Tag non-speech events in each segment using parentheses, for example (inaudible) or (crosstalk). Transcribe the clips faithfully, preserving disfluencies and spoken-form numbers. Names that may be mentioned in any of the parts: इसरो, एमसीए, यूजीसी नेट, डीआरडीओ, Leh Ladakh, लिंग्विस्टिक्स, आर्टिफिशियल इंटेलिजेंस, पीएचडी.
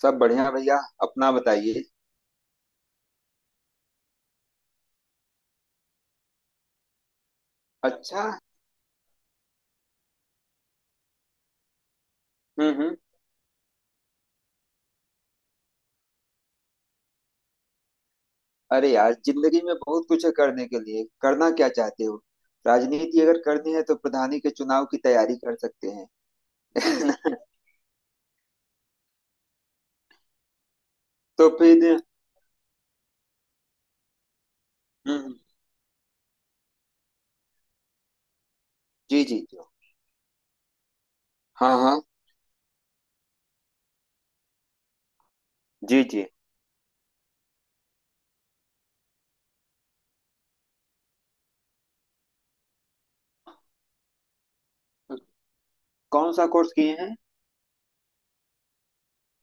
सब बढ़िया भैया। अपना बताइए। अच्छा। हम्म हम्म। अरे यार, जिंदगी में बहुत कुछ है करने के लिए, करना क्या चाहते हो? राजनीति अगर करनी है तो प्रधानी के चुनाव की तैयारी कर सकते हैं। (laughs) तो फिर? हम्म। जी जी जी। हाँ हाँ। जी जी। कौन सा कोर्स किए हैं?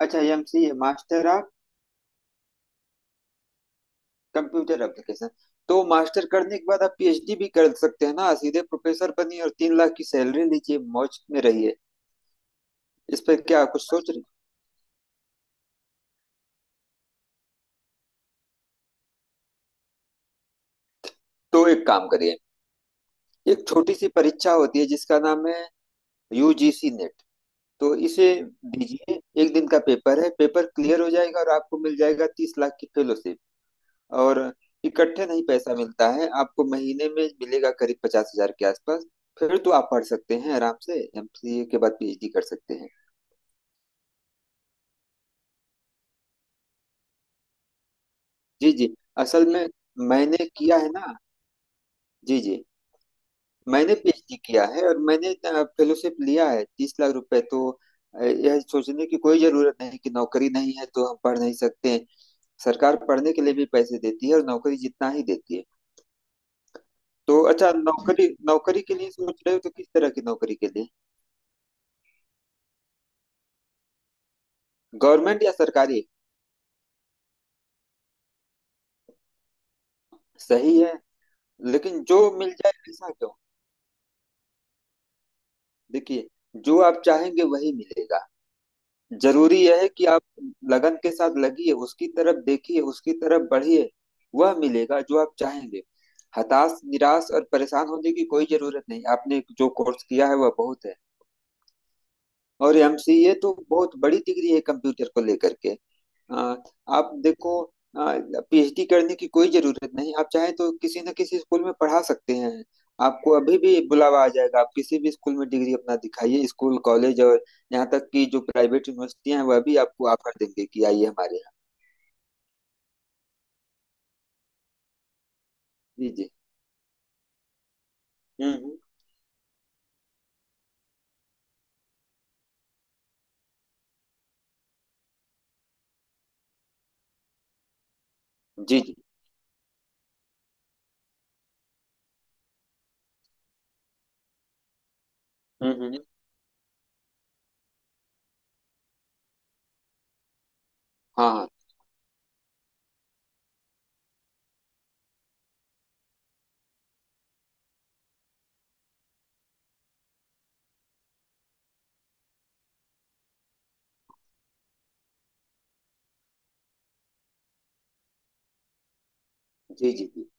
अच्छा, एमसीए, master of computer application. तो मास्टर करने के बाद आप पीएचडी भी कर सकते हैं ना, सीधे प्रोफेसर बनिए और तीन लाख की सैलरी लीजिए, मौज में रहिए। इस पे क्या कुछ सोच रही? तो एक काम करिए, एक छोटी सी परीक्षा होती है जिसका नाम है यूजीसी नेट। तो इसे दीजिए, एक दिन का पेपर है, पेपर क्लियर हो जाएगा और आपको मिल जाएगा तीस लाख की फेलोशिप। और इकट्ठे नहीं पैसा मिलता है, आपको महीने में मिलेगा करीब पचास हजार के आसपास। फिर तो आप पढ़ सकते हैं आराम से, एमसीए के बाद पीएचडी कर सकते हैं। जी जी। असल में मैंने किया है ना। जी जी। मैंने पीएचडी किया है और मैंने फेलोशिप लिया है तीस लाख रुपए। तो अ, यह सोचने की कोई जरूरत नहीं कि नौकरी नहीं है तो हम पढ़ नहीं सकते हैं। सरकार पढ़ने के लिए भी पैसे देती है और नौकरी जितना ही देती है। तो अच्छा, नौकरी नौकरी के लिए सोच रहे हो तो किस तरह की नौकरी के लिए? गवर्नमेंट या सरकारी? सही है, लेकिन जो मिल जाए ऐसा क्यों? देखिए, जो आप चाहेंगे वही मिलेगा। जरूरी यह है कि आप लगन के साथ लगिए, उसकी तरफ देखिए, उसकी तरफ बढ़िए। वह मिलेगा जो आप चाहेंगे। हताश, निराश और परेशान होने की कोई जरूरत नहीं। आपने जो कोर्स किया है वह बहुत है, और एमसीए तो बहुत बड़ी डिग्री है कंप्यूटर को लेकर के। आ, आप देखो, पीएचडी करने की कोई जरूरत नहीं। आप चाहें तो किसी न किसी स्कूल में पढ़ा सकते हैं, आपको अभी भी बुलावा आ जाएगा। आप किसी भी स्कूल में डिग्री अपना दिखाइए, स्कूल, कॉलेज, और यहाँ तक कि जो प्राइवेट यूनिवर्सिटियां हैं वह भी आपको ऑफर देंगे कि आइए हमारे यहाँ। जी जी। हम्म हम्म। जी जी। हम्म हम्म। हाँ हाँ। जी जी जी।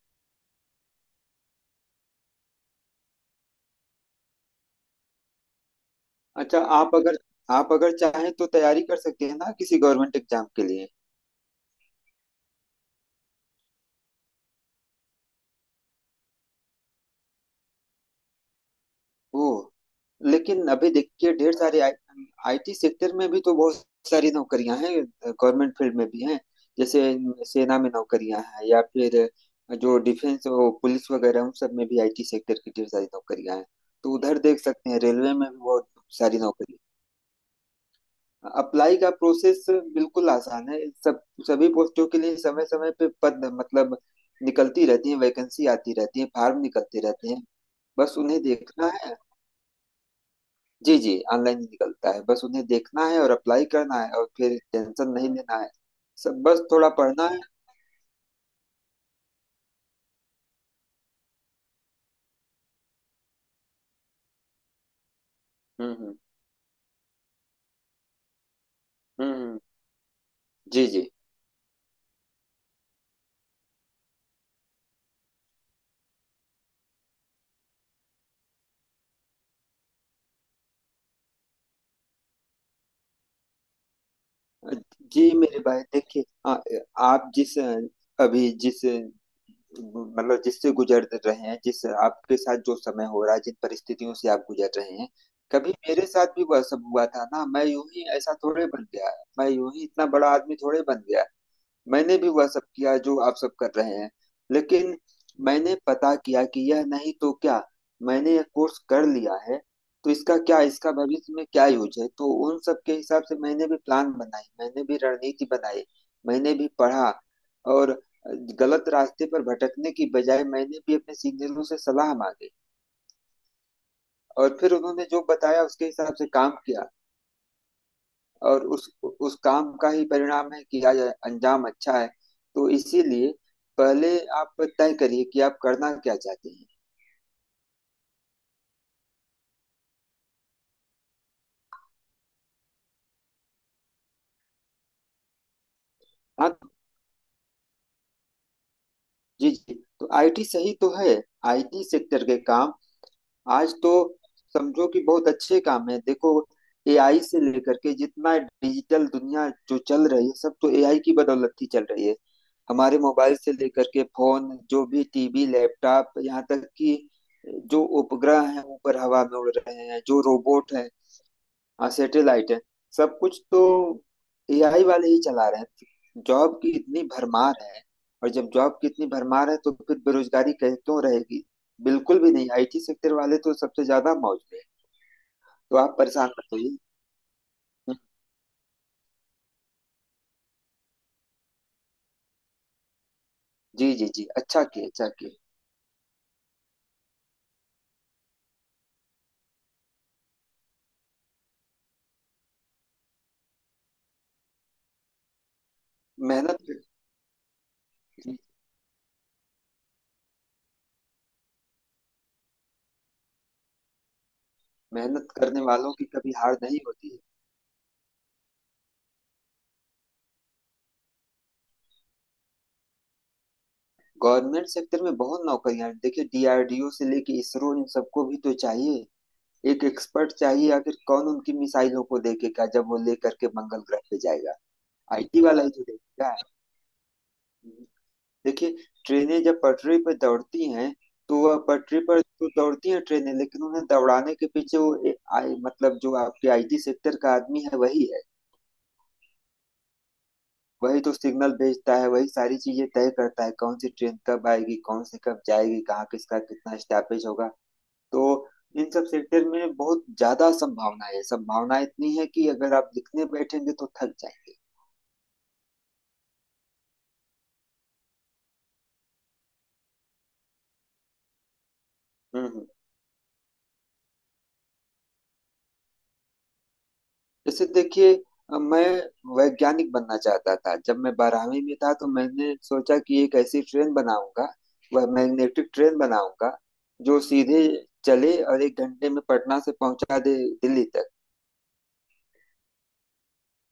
अच्छा, आप अगर आप अगर चाहें तो तैयारी कर सकते हैं ना किसी गवर्नमेंट एग्जाम के लिए। ओ, लेकिन अभी देखिए ढेर सारे आईटी सेक्टर में भी तो बहुत सारी नौकरियां हैं, गवर्नमेंट फील्ड में भी हैं। जैसे सेना में नौकरियां हैं, या फिर जो डिफेंस, वो पुलिस वगैरह, उन सब में भी आईटी सेक्टर की ढेर सारी नौकरियां हैं। तो उधर देख सकते हैं, रेलवे में भी बहुत सारी नौकरी। अप्लाई का प्रोसेस बिल्कुल आसान है, सब, सभी पोस्टों के लिए समय समय पे पद, मतलब निकलती रहती है, वैकेंसी आती रहती है, फार्म निकलते रहते हैं, बस उन्हें देखना है। जी जी, ऑनलाइन ही निकलता है, बस उन्हें देखना है और अप्लाई करना है और फिर टेंशन नहीं लेना है, सब बस थोड़ा पढ़ना है। हम्म हम्म। हम्म हम्म। जी जी जी मेरे भाई, देखिए आ- आप जिस अभी जिस मतलब जिससे गुजर रहे हैं, जिस आपके साथ जो समय हो रहा है, जिन परिस्थितियों से आप गुजर रहे हैं, कभी मेरे साथ भी वह सब हुआ था ना। मैं यूं ही ऐसा थोड़े बन गया, मैं यूं ही इतना बड़ा आदमी थोड़े बन गया। मैंने भी वह सब किया जो आप सब कर रहे हैं, लेकिन मैंने पता किया कि यह नहीं तो क्या। मैंने यह कोर्स कर लिया है तो इसका क्या, इसका भविष्य में क्या यूज है, तो उन सब के हिसाब से मैंने भी प्लान बनाई, मैंने भी रणनीति बनाई, मैंने भी पढ़ा। और गलत रास्ते पर भटकने की बजाय मैंने भी अपने सीनियरों से सलाह मांगी, और फिर उन्होंने जो बताया उसके हिसाब से काम किया, और उस उस काम का ही परिणाम है कि आज अंजाम अच्छा है। तो इसीलिए पहले आप तय करिए कि आप करना क्या चाहते हैं। हाँ। जी जी। तो आईटी सही तो है, आईटी सेक्टर के काम आज तो समझो कि बहुत अच्छे काम है। देखो एआई से लेकर के जितना डिजिटल दुनिया जो चल रही है सब तो एआई की बदौलत ही चल रही है। हमारे मोबाइल से लेकर के फोन, जो भी टीवी, लैपटॉप, यहाँ तक कि जो उपग्रह हैं ऊपर हवा में उड़ रहे हैं, जो रोबोट हैं, हाँ सैटेलाइट है, सब कुछ तो एआई वाले ही चला रहे हैं। जॉब की इतनी भरमार है, और जब जॉब की इतनी भरमार है तो फिर बेरोजगारी कहीं क्यों रहेगी, बिल्कुल भी नहीं। आईटी सेक्टर वाले तो सबसे ज्यादा मौज में हैं। तो आप परेशान मत होइए। हम्म। जी जी जी। अच्छा किए, अच्छा किए। मेहनत, मेहनत करने वालों की कभी हार नहीं होती है। गवर्नमेंट सेक्टर में बहुत नौकरियां हैं। देखिए, डीआरडीओ से लेके इसरो, इन सबको भी तो चाहिए, एक एक्सपर्ट चाहिए। आखिर कौन उनकी मिसाइलों को देखेगा जब वो लेकर के मंगल ग्रह पे जाएगा? आईटी वाला ही तो देखेगा। देखिए, ट्रेनें जब पटरी पर दौड़ती हैं, तो वह पटरी पर तो दौड़ती हैं ट्रेनें, लेकिन उन्हें दौड़ाने के पीछे वो ए, आई, मतलब जो आपके आईटी सेक्टर का आदमी है वही है। वही तो सिग्नल भेजता है, वही सारी चीजें तय करता है, कौन सी ट्रेन कब आएगी, कौन सी कब जाएगी, कहाँ किसका कितना स्टॉपेज होगा। तो इन सब सेक्टर में बहुत ज्यादा संभावना है, संभावना इतनी है कि अगर आप लिखने बैठेंगे तो थक जाएंगे। हम्म हम्म। जैसे देखिए, अ, मैं वैज्ञानिक बनना चाहता था। जब मैं बारहवीं में था तो मैंने सोचा कि एक ऐसी ट्रेन बनाऊंगा, वह मैग्नेटिक ट्रेन बनाऊंगा, जो सीधे चले और एक घंटे में पटना से पहुंचा दे दिल्ली तक।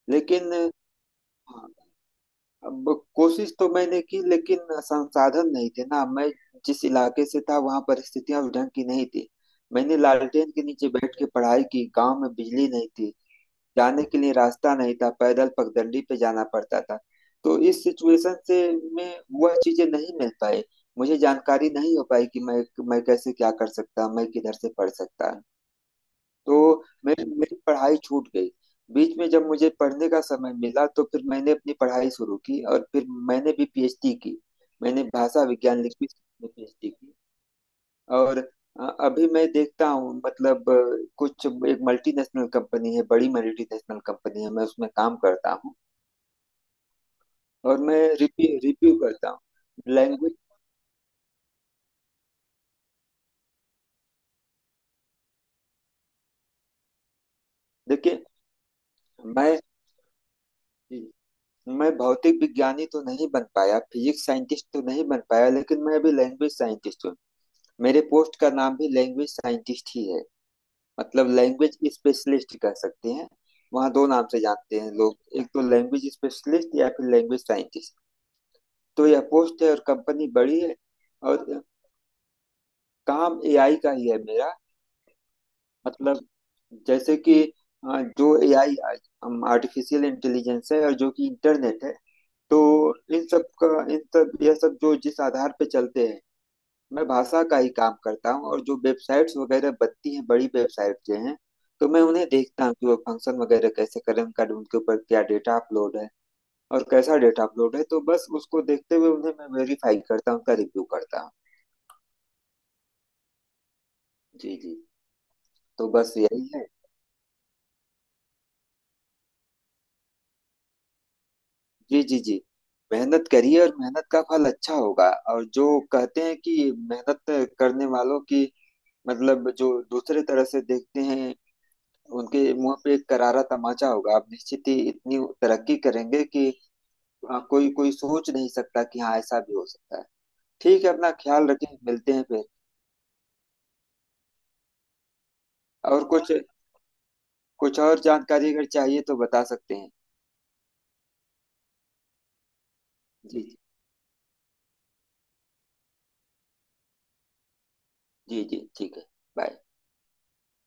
लेकिन हाँ, अब कोशिश तो मैंने की, लेकिन संसाधन नहीं थे ना। मैं जिस इलाके से था वहां परिस्थितियां उस ढंग की नहीं थी। मैंने लालटेन के नीचे बैठ के पढ़ाई की, गांव में बिजली नहीं थी, जाने के लिए रास्ता नहीं था, पैदल पगडंडी पे जाना पड़ता था। तो इस सिचुएशन से मैं वह चीजें नहीं मिल पाई, मुझे जानकारी नहीं हो पाई कि मैं मैं कैसे क्या कर सकता, मैं किधर से पढ़ सकता। तो मेरी मेरी पढ़ाई छूट गई बीच में। जब मुझे पढ़ने का समय मिला तो फिर मैंने अपनी पढ़ाई शुरू की, और फिर मैंने भी पीएचडी की। मैंने भाषा विज्ञान, लिंग्विस्टिक्स में पीएचडी की। और अ, अभी मैं देखता हूँ, मतलब अ, कुछ एक मल्टीनेशनल कंपनी है, बड़ी मल्टीनेशनल कंपनी है, मैं उसमें काम करता हूँ, और मैं रिव्यू रिव्यू करता हूँ, लैंग्वेज। देखिए मैं मैं भौतिक विज्ञानी तो नहीं बन पाया, फिजिक्स साइंटिस्ट तो नहीं बन पाया, लेकिन मैं अभी लैंग्वेज साइंटिस्ट हूँ। मेरे पोस्ट का नाम भी लैंग्वेज साइंटिस्ट ही है। मतलब लैंग्वेज स्पेशलिस्ट कह सकते हैं। वहाँ दो नाम से जानते हैं लोग, एक तो लैंग्वेज स्पेशलिस्ट या फिर लैंग्वेज साइंटिस्ट। तो यह पोस्ट है और कंपनी बड़ी है। और काम एआई का ही है मेरा। मतलब जैसे कि अ, जो एआई, आर्टिफिशियल इंटेलिजेंस है, और जो कि इंटरनेट है, तो इन सब का, इन सब यह सब जो जिस आधार पे चलते हैं, मैं भाषा का ही काम करता हूँ। और जो वेबसाइट्स वगैरह बनती हैं, बड़ी वेबसाइट जो हैं, तो मैं उन्हें देखता हूँ कि वो फंक्शन वगैरह कैसे करें उनका, उनके ऊपर क्या डेटा अपलोड है और कैसा डेटा अपलोड है, तो बस उसको देखते हुए उन्हें मैं वेरीफाई करता हूँ, उनका रिव्यू करता हूँ। जी जी। तो बस यही है। जी जी जी। मेहनत करिए और मेहनत का फल अच्छा होगा। और जो कहते हैं कि मेहनत करने वालों की, मतलब जो दूसरे तरह से देखते हैं, उनके मुंह पे एक करारा तमाचा होगा। आप निश्चित ही इतनी तरक्की करेंगे कि आ, कोई कोई सोच नहीं सकता कि हाँ ऐसा भी हो सकता है। ठीक है, अपना ख्याल रखें, मिलते हैं फिर। और कुछ कुछ और जानकारी अगर चाहिए तो बता सकते हैं। जी जी। जी जी ठीक है। बाय।